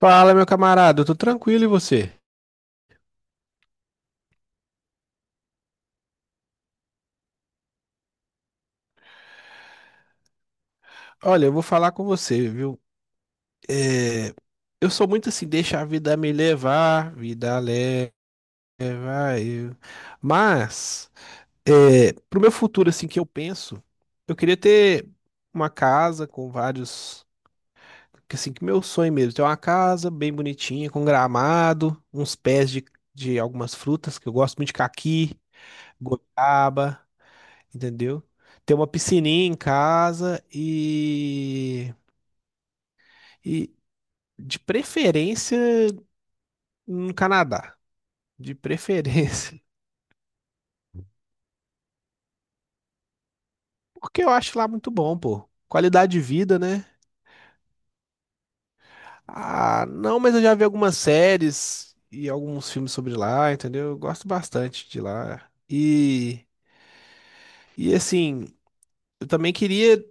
Fala, meu camarada, eu tô tranquilo e você? Olha, eu vou falar com você, viu? É, eu sou muito assim, deixa a vida me levar, vida leva eu. Mas, pro meu futuro, assim, que eu penso, eu queria ter uma casa com vários, que, assim, que meu sonho mesmo, ter uma casa bem bonitinha, com gramado, uns pés de algumas frutas, que eu gosto muito de caqui, goiaba. Entendeu? Ter uma piscininha em casa e de preferência no Canadá, de preferência, porque eu acho lá muito bom, pô. Qualidade de vida, né? Ah, não, mas eu já vi algumas séries e alguns filmes sobre lá, entendeu? Eu gosto bastante de lá. E, assim, eu também queria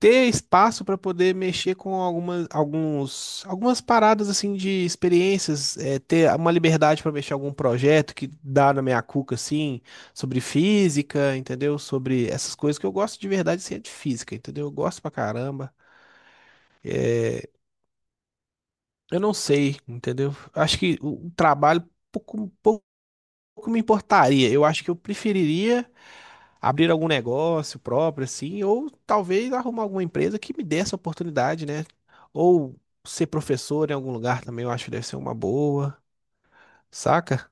ter espaço para poder mexer com algumas, alguns, algumas paradas assim de experiências, ter uma liberdade para mexer em algum projeto que dá na minha cuca assim, sobre física, entendeu? Sobre essas coisas que eu gosto de verdade assim, é de física, entendeu? Eu gosto pra caramba. É, eu não sei, entendeu? Acho que o trabalho pouco me importaria. Eu acho que eu preferiria abrir algum negócio próprio, assim, ou talvez arrumar alguma empresa que me dê essa oportunidade, né? Ou ser professor em algum lugar também, eu acho que deve ser uma boa, saca?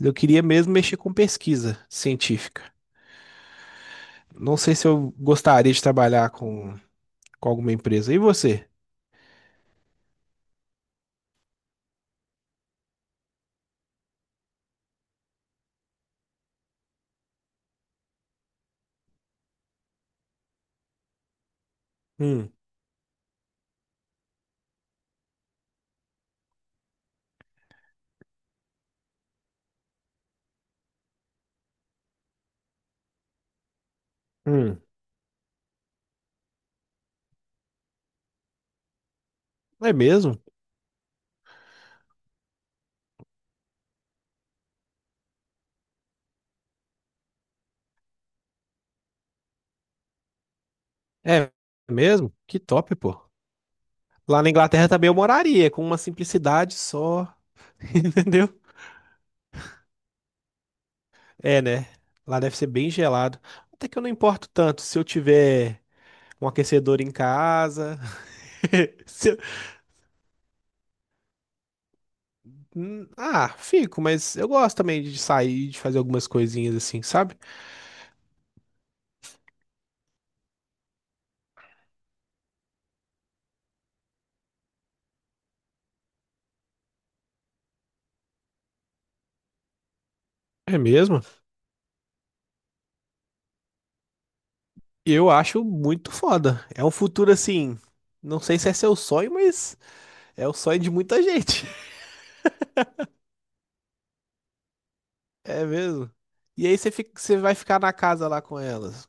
Eu queria mesmo mexer com pesquisa científica. Não sei se eu gostaria de trabalhar com, alguma empresa. E você? Hum, hum. É mesmo? É mesmo? Que top, pô. Lá na Inglaterra também eu moraria, com uma simplicidade só, entendeu? É, né? Lá deve ser bem gelado. Até que eu não importo tanto se eu tiver um aquecedor em casa. Se eu- ah, fico, mas eu gosto também de sair, de fazer algumas coisinhas assim, sabe? É mesmo? Eu acho muito foda. É um futuro assim. Não sei se é seu sonho, mas é o sonho de muita gente. É mesmo? E aí você você vai ficar na casa lá com elas.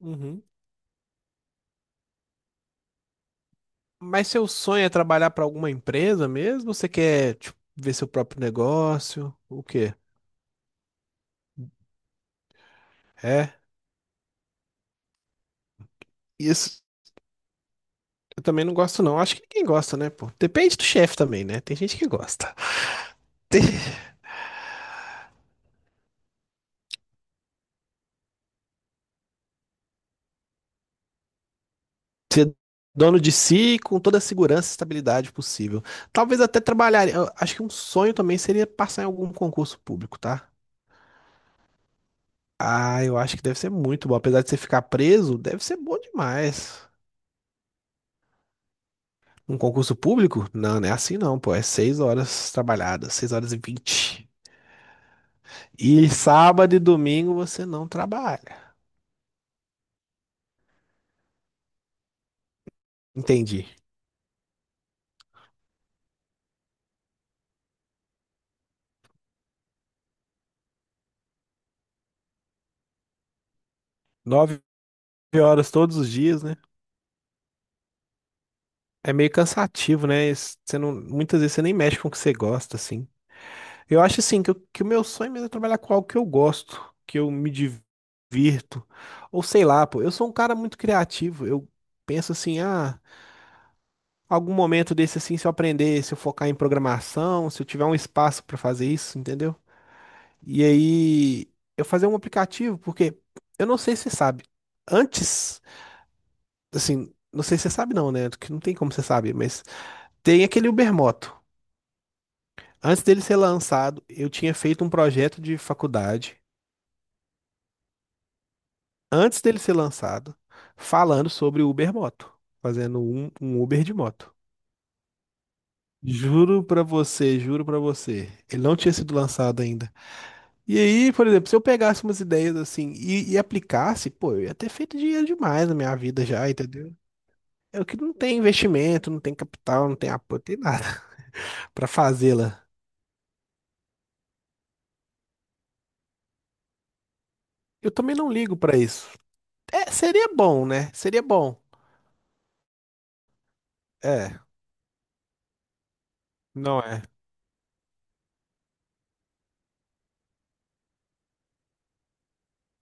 Uhum. Mas seu sonho é trabalhar para alguma empresa mesmo? Você quer, tipo, ver seu próprio negócio? O quê? É, isso eu também não gosto não. Acho que ninguém gosta, né, pô? Depende do chefe também, né? Tem gente que gosta. Ser dono de si com toda a segurança e estabilidade possível. Talvez até trabalhar. Eu acho que um sonho também seria passar em algum concurso público, tá? Ah, eu acho que deve ser muito bom. Apesar de você ficar preso, deve ser bom demais. Um concurso público? Não, não é assim não, pô. É seis horas trabalhadas, seis horas e vinte. E sábado e domingo você não trabalha. Entendi. Nove horas todos os dias, né? É meio cansativo, né? Você não, muitas vezes você nem mexe com o que você gosta, assim. Eu acho, assim, que, que o meu sonho mesmo é trabalhar com algo que eu gosto, que eu me divirto. Ou sei lá, pô. Eu sou um cara muito criativo. Eu penso assim, ah, algum momento desse, assim, se eu aprender, se eu focar em programação, se eu tiver um espaço pra fazer isso, entendeu? E aí eu fazia um aplicativo, porque eu não sei se você sabe. Antes, assim, não sei se você sabe não, né? Que não tem como você saber, mas tem aquele Ubermoto. Antes dele ser lançado, eu tinha feito um projeto de faculdade, antes dele ser lançado, falando sobre o Ubermoto, fazendo um, Uber de moto. Juro pra você, ele não tinha sido lançado ainda. E aí, por exemplo, se eu pegasse umas ideias assim e aplicasse, pô, eu ia ter feito dinheiro demais na minha vida já, entendeu? É o que não tem investimento, não tem capital, não tem apoio, não tem nada pra fazê-la. Eu também não ligo pra isso. É, seria bom, né? Seria bom. É, não é.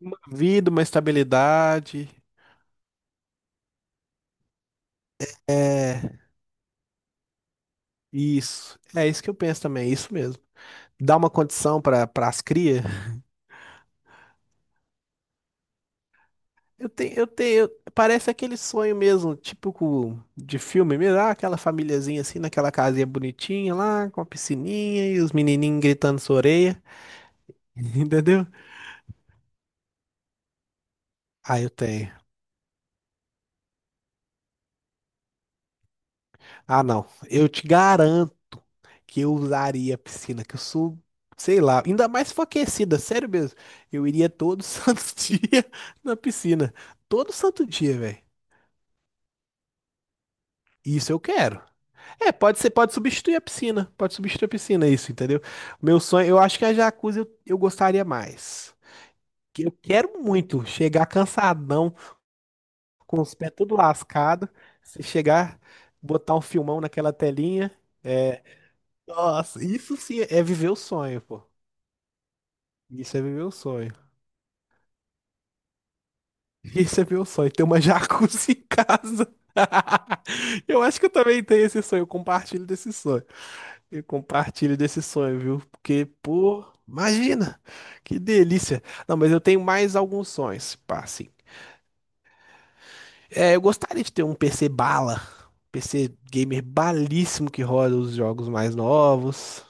Uma vida, uma estabilidade. É, isso. É isso que eu penso também, é isso mesmo. Dar uma condição para as cria. Eu tenho, eu tenho, parece aquele sonho mesmo, típico de filme mesmo, ah, aquela famíliazinha assim, naquela casinha bonitinha lá, com a piscininha e os menininhos gritando sua orelha, entendeu? Ah, eu tenho. Ah, não. Eu te garanto que eu usaria a piscina, que eu sou, sei lá, ainda mais se for aquecida, sério mesmo. Eu iria todo santo dia na piscina. Todo santo dia, velho. Isso eu quero. É, pode ser, pode substituir a piscina. Pode substituir a piscina, isso, entendeu? Meu sonho, eu acho que a jacuzzi eu gostaria mais. Que eu quero muito chegar cansadão, com os pés tudo lascado, se chegar, botar um filmão naquela telinha. É, nossa, isso sim é viver o sonho, pô. Isso é viver o sonho. Isso é viver o sonho. Ter uma jacuzzi em casa. Eu acho que eu também tenho esse sonho. Eu compartilho desse sonho. Eu compartilho desse sonho, viu? Porque, pô, imagina! Que delícia! Não, mas eu tenho mais alguns sonhos, pá, assim. É, eu gostaria de ter um PC bala, PC gamer balíssimo que roda os jogos mais novos.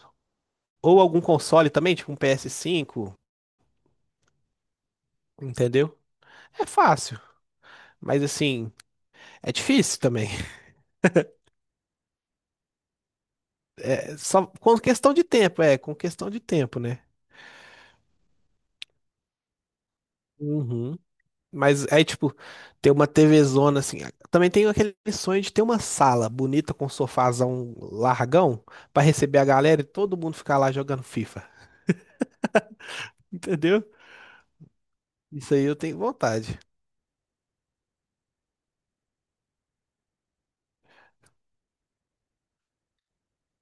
Ou algum console também, tipo um PS5, entendeu? É fácil, mas assim, é difícil também. É só com questão de tempo, com questão de tempo, né? Uhum. Mas aí, tipo, ter uma TVzona assim. Também tenho aquele sonho de ter uma sala bonita com um sofazão largão pra receber a galera e todo mundo ficar lá jogando FIFA. Entendeu? Isso aí eu tenho vontade.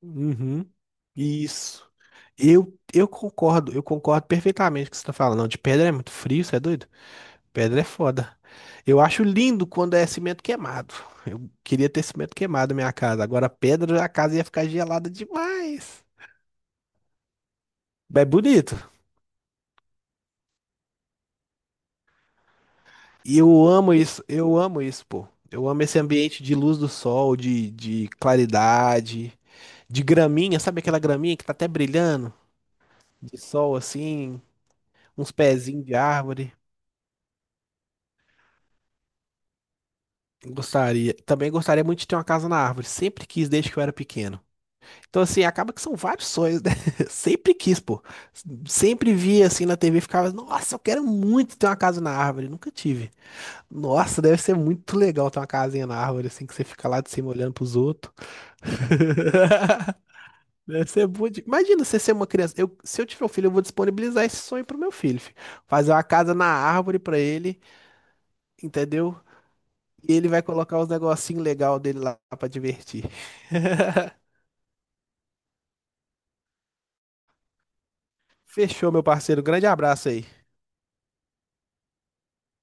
Uhum. Isso. Eu concordo, eu concordo perfeitamente com o que você tá falando. Não, de pedra é muito frio, você é doido? Pedra é foda. Eu acho lindo quando é cimento queimado. Eu queria ter cimento queimado na minha casa. Agora, pedra, a casa ia ficar gelada demais. É bonito. E eu amo isso. Eu amo isso, pô. Eu amo esse ambiente de luz do sol, de, claridade, de graminha. Sabe aquela graminha que tá até brilhando? De sol, assim, uns pezinhos de árvore. Gostaria. Também gostaria muito de ter uma casa na árvore. Sempre quis desde que eu era pequeno. Então, assim, acaba que são vários sonhos, né? Sempre quis, pô. Sempre via assim na TV, e ficava, nossa, eu quero muito ter uma casa na árvore. Nunca tive. Nossa, deve ser muito legal ter uma casinha na árvore, assim, que você fica lá de cima olhando pros outros. Deve ser bom. Imagina você ser uma criança. Eu, se eu tiver um filho, eu vou disponibilizar esse sonho pro meu filho. Fi. Fazer uma casa na árvore pra ele, entendeu? E ele vai colocar os negocinhos legal dele lá pra divertir. Fechou, meu parceiro. Grande abraço aí.